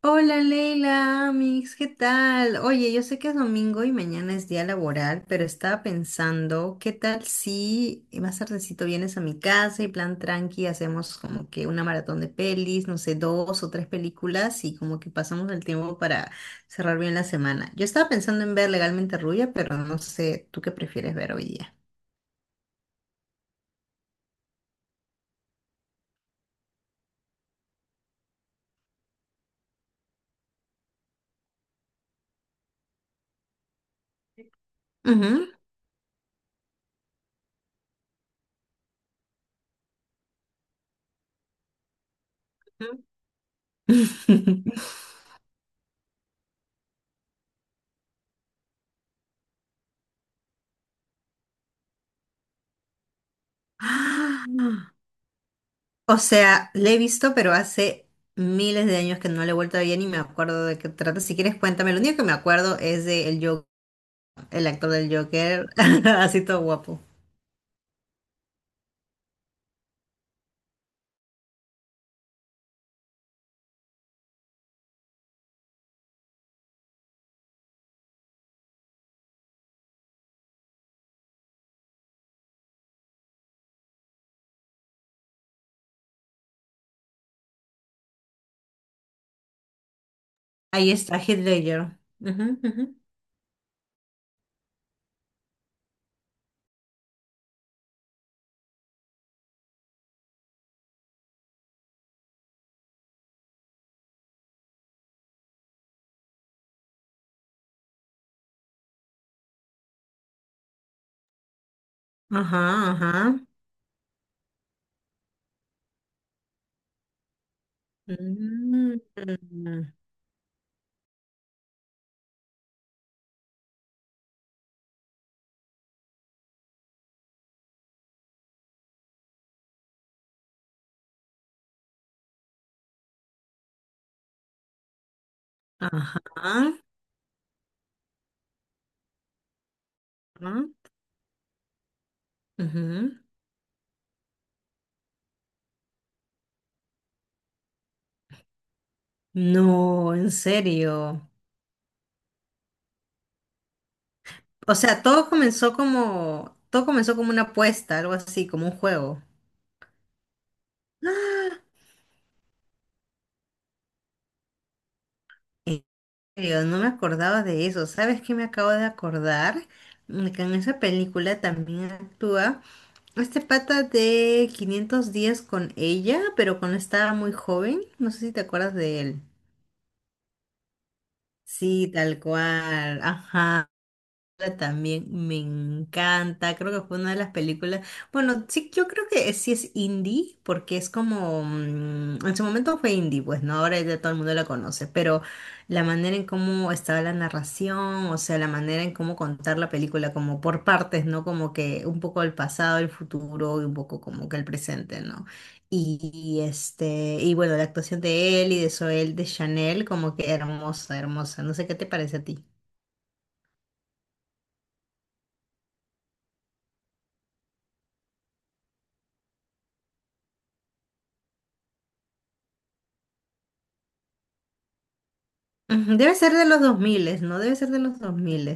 Hola Leila, Amix, ¿qué tal? Oye, yo sé que es domingo y mañana es día laboral, pero estaba pensando, ¿qué tal si más tardecito vienes a mi casa y plan tranqui, hacemos como que una maratón de pelis, no sé, dos o tres películas y como que pasamos el tiempo para cerrar bien la semana? Yo estaba pensando en ver Legalmente Rubia, pero no sé, ¿tú qué prefieres ver hoy día? Ujú, ujú. O sea, le he visto, pero hace miles de años que no le he vuelto a ver y me acuerdo de qué trata. Si quieres, cuéntame. Lo único que me acuerdo es de el Joker, el actor del Joker, así todo guapo. Ahí está, Heath Ledger. Ujú, ujú. Ajá, ajá. Mm, ajá. Ajá, ujú. No, en serio. O sea, todo comenzó como una apuesta, algo así, como un juego. Serio, no me acordaba de eso. ¿Sabes qué me acabo de acordar? Que en esa película también actúa este pata de 500 días con ella, pero cuando estaba muy joven. No sé si te acuerdas de él. Sí, tal cual. Ajá. También me encanta, creo que fue una de las películas. Bueno, sí, yo creo que sí es indie, porque es como, en su momento fue indie, pues no, ahora ya todo el mundo la conoce, pero la manera en cómo estaba la narración, o sea, la manera en cómo contar la película, como por partes, ¿no? Como que un poco el pasado, el futuro y un poco como que el presente, ¿no? Y bueno, la actuación de él y de Zoel de Chanel, como que hermosa, hermosa. No sé qué te parece a ti. Ujú, debe ser de los 2000, ¿no? Debe ser de los 2000.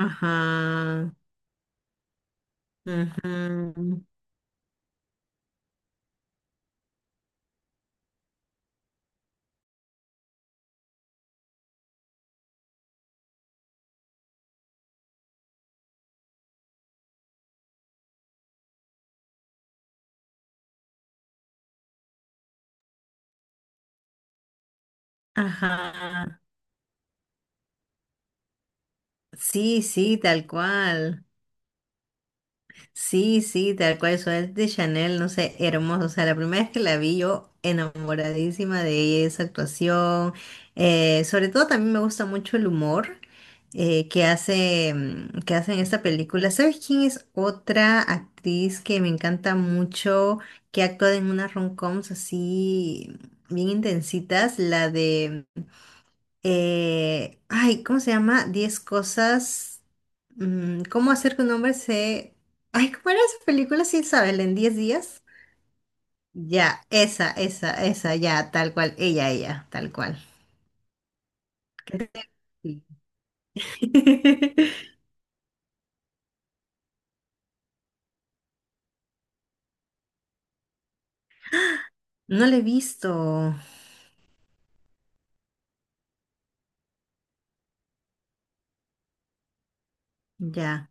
Ajá. Ujú, ajá. Sí, sí, tal cual. Sí, sí, tal cual, Suárez de Chanel, no sé, hermoso. O sea, la primera vez que la vi yo enamoradísima de ella, de esa actuación. Sobre todo también me gusta mucho el humor que que hace en esta película. ¿Sabes quién es otra actriz que me encanta mucho, que actúa en unas rom-coms así bien intensitas? La de ay, ¿cómo se llama? 10 cosas. ¿Cómo hacer que un hombre se... Ay, ¿cómo era esa película? Sí, Isabel, en 10 días. Ya, esa, ya, tal cual. Ella, tal cual. ¿Qué te- Sí. No la he visto. Ya.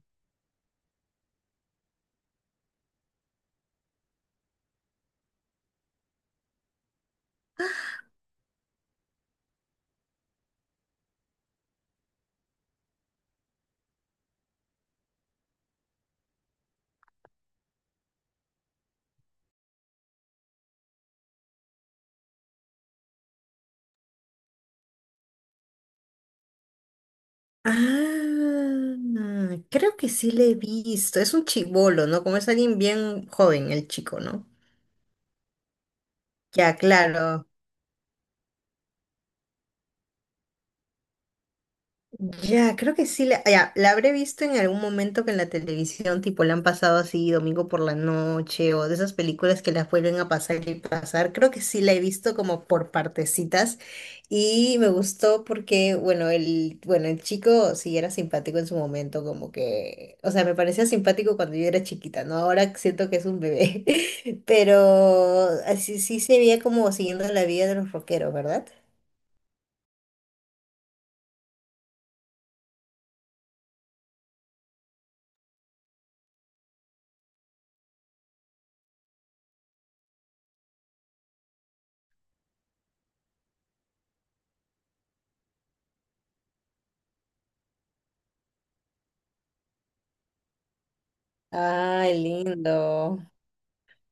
Ah, creo que sí le he visto. Es un chibolo, ¿no? Como es alguien bien joven, el chico, ¿no? Ya, claro. Ya, creo que sí, la habré visto en algún momento que en la televisión, tipo, la han pasado así domingo por la noche o de esas películas que las vuelven a pasar y pasar. Creo que sí la he visto como por partecitas y me gustó porque, bueno, el chico sí era simpático en su momento, como que, o sea, me parecía simpático cuando yo era chiquita, ¿no? Ahora siento que es un bebé, pero así sí se veía como siguiendo la vida de los rockeros, ¿verdad? Ay, lindo.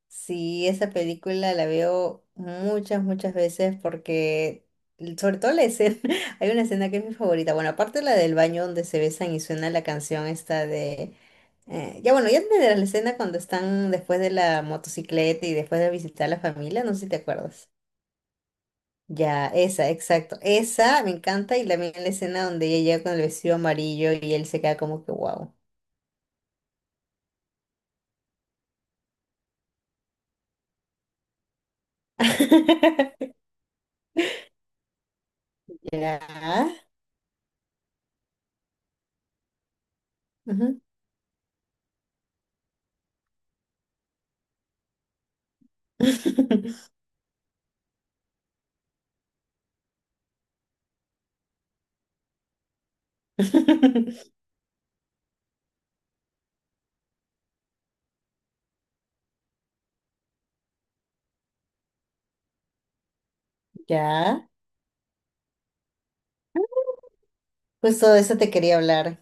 Sí, esa película la veo muchas, muchas veces porque, sobre todo la escena, hay una escena que es mi favorita. Bueno, aparte la del baño donde se besan y suena la canción esta de... ya bueno, ya entenderás la escena cuando están después de la motocicleta y después de visitar a la familia, no sé si te acuerdas. Ya, esa, exacto. Esa me encanta y también la escena donde ella llega con el vestido amarillo y él se queda como que wow. Ya. Ujú. Ya, justo de eso te quería hablar.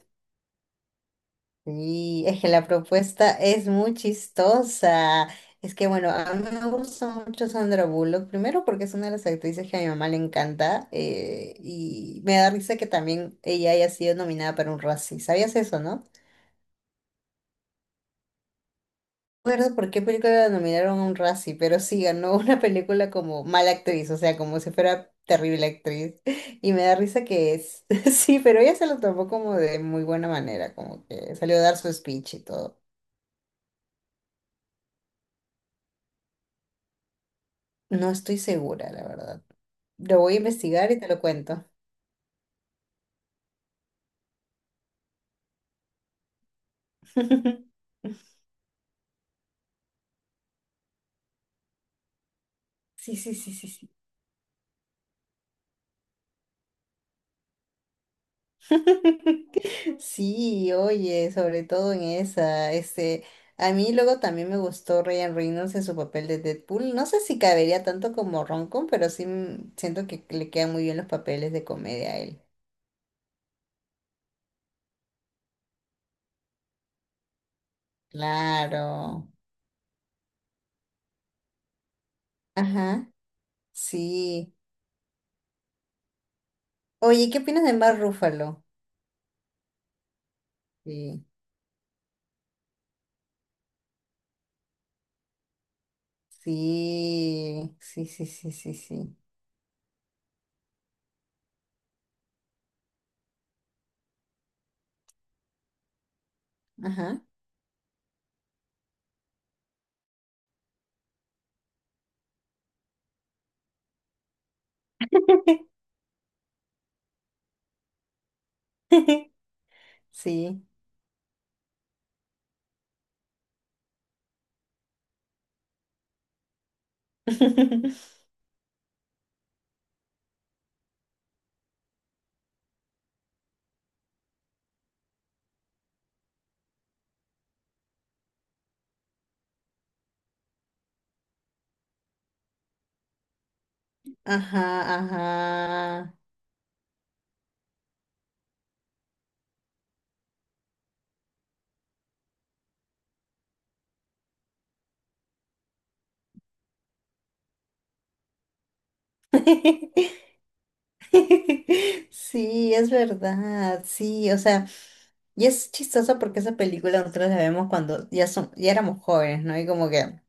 Y es que la propuesta es muy chistosa. Es que bueno, a mí me gusta mucho Sandra Bullock, primero porque es una de las actrices que a mi mamá le encanta, y me da risa que también ella haya sido nominada para un Razzie. ¿Sabías eso, no? Recuerdo por qué película la nominaron a un Razzie, pero sí ganó una película como mala actriz, o sea, como si fuera terrible actriz. Y me da risa que es. Sí, pero ella se lo tomó como de muy buena manera, como que salió a dar su speech y todo. No estoy segura, la verdad. Lo voy a investigar y te lo cuento. Sí, sí, sí, sí, sí. Sí, oye, sobre todo en esa, a mí luego también me gustó Ryan Reynolds en su papel de Deadpool. No sé si cabería tanto como Roncon, pero sí, siento que le quedan muy bien los papeles de comedia a él. Claro. Ajá, sí. Oye, ¿qué opinas de Mark Ruffalo? Sí, sí, sí, sí, sí, sí, sí. Ajá. Sí. Ajá, ajá. Sí, es verdad, sí, o sea, y es chistoso porque esa película nosotros la vemos cuando ya éramos jóvenes, ¿no? Y como que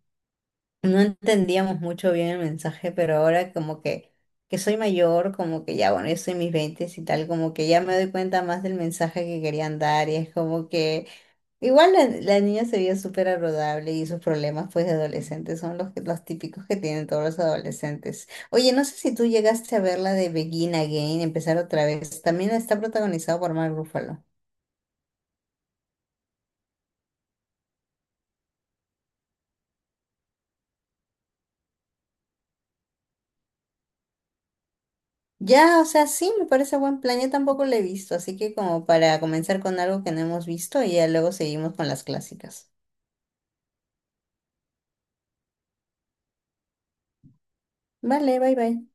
no entendíamos mucho bien el mensaje, pero ahora como que, soy mayor, como que ya, bueno, yo soy mis veintes y tal, como que ya me doy cuenta más del mensaje que querían dar y es como que. Igual la niña se veía súper agradable y sus problemas pues de adolescentes son los típicos que tienen todos los adolescentes. Oye, no sé si tú llegaste a ver la de Begin Again, empezar otra vez. También está protagonizado por Mark Ruffalo. Ya, o sea, sí, me parece buen plan. Yo tampoco la he visto, así que como para comenzar con algo que no hemos visto y ya luego seguimos con las clásicas. Vale, bye bye.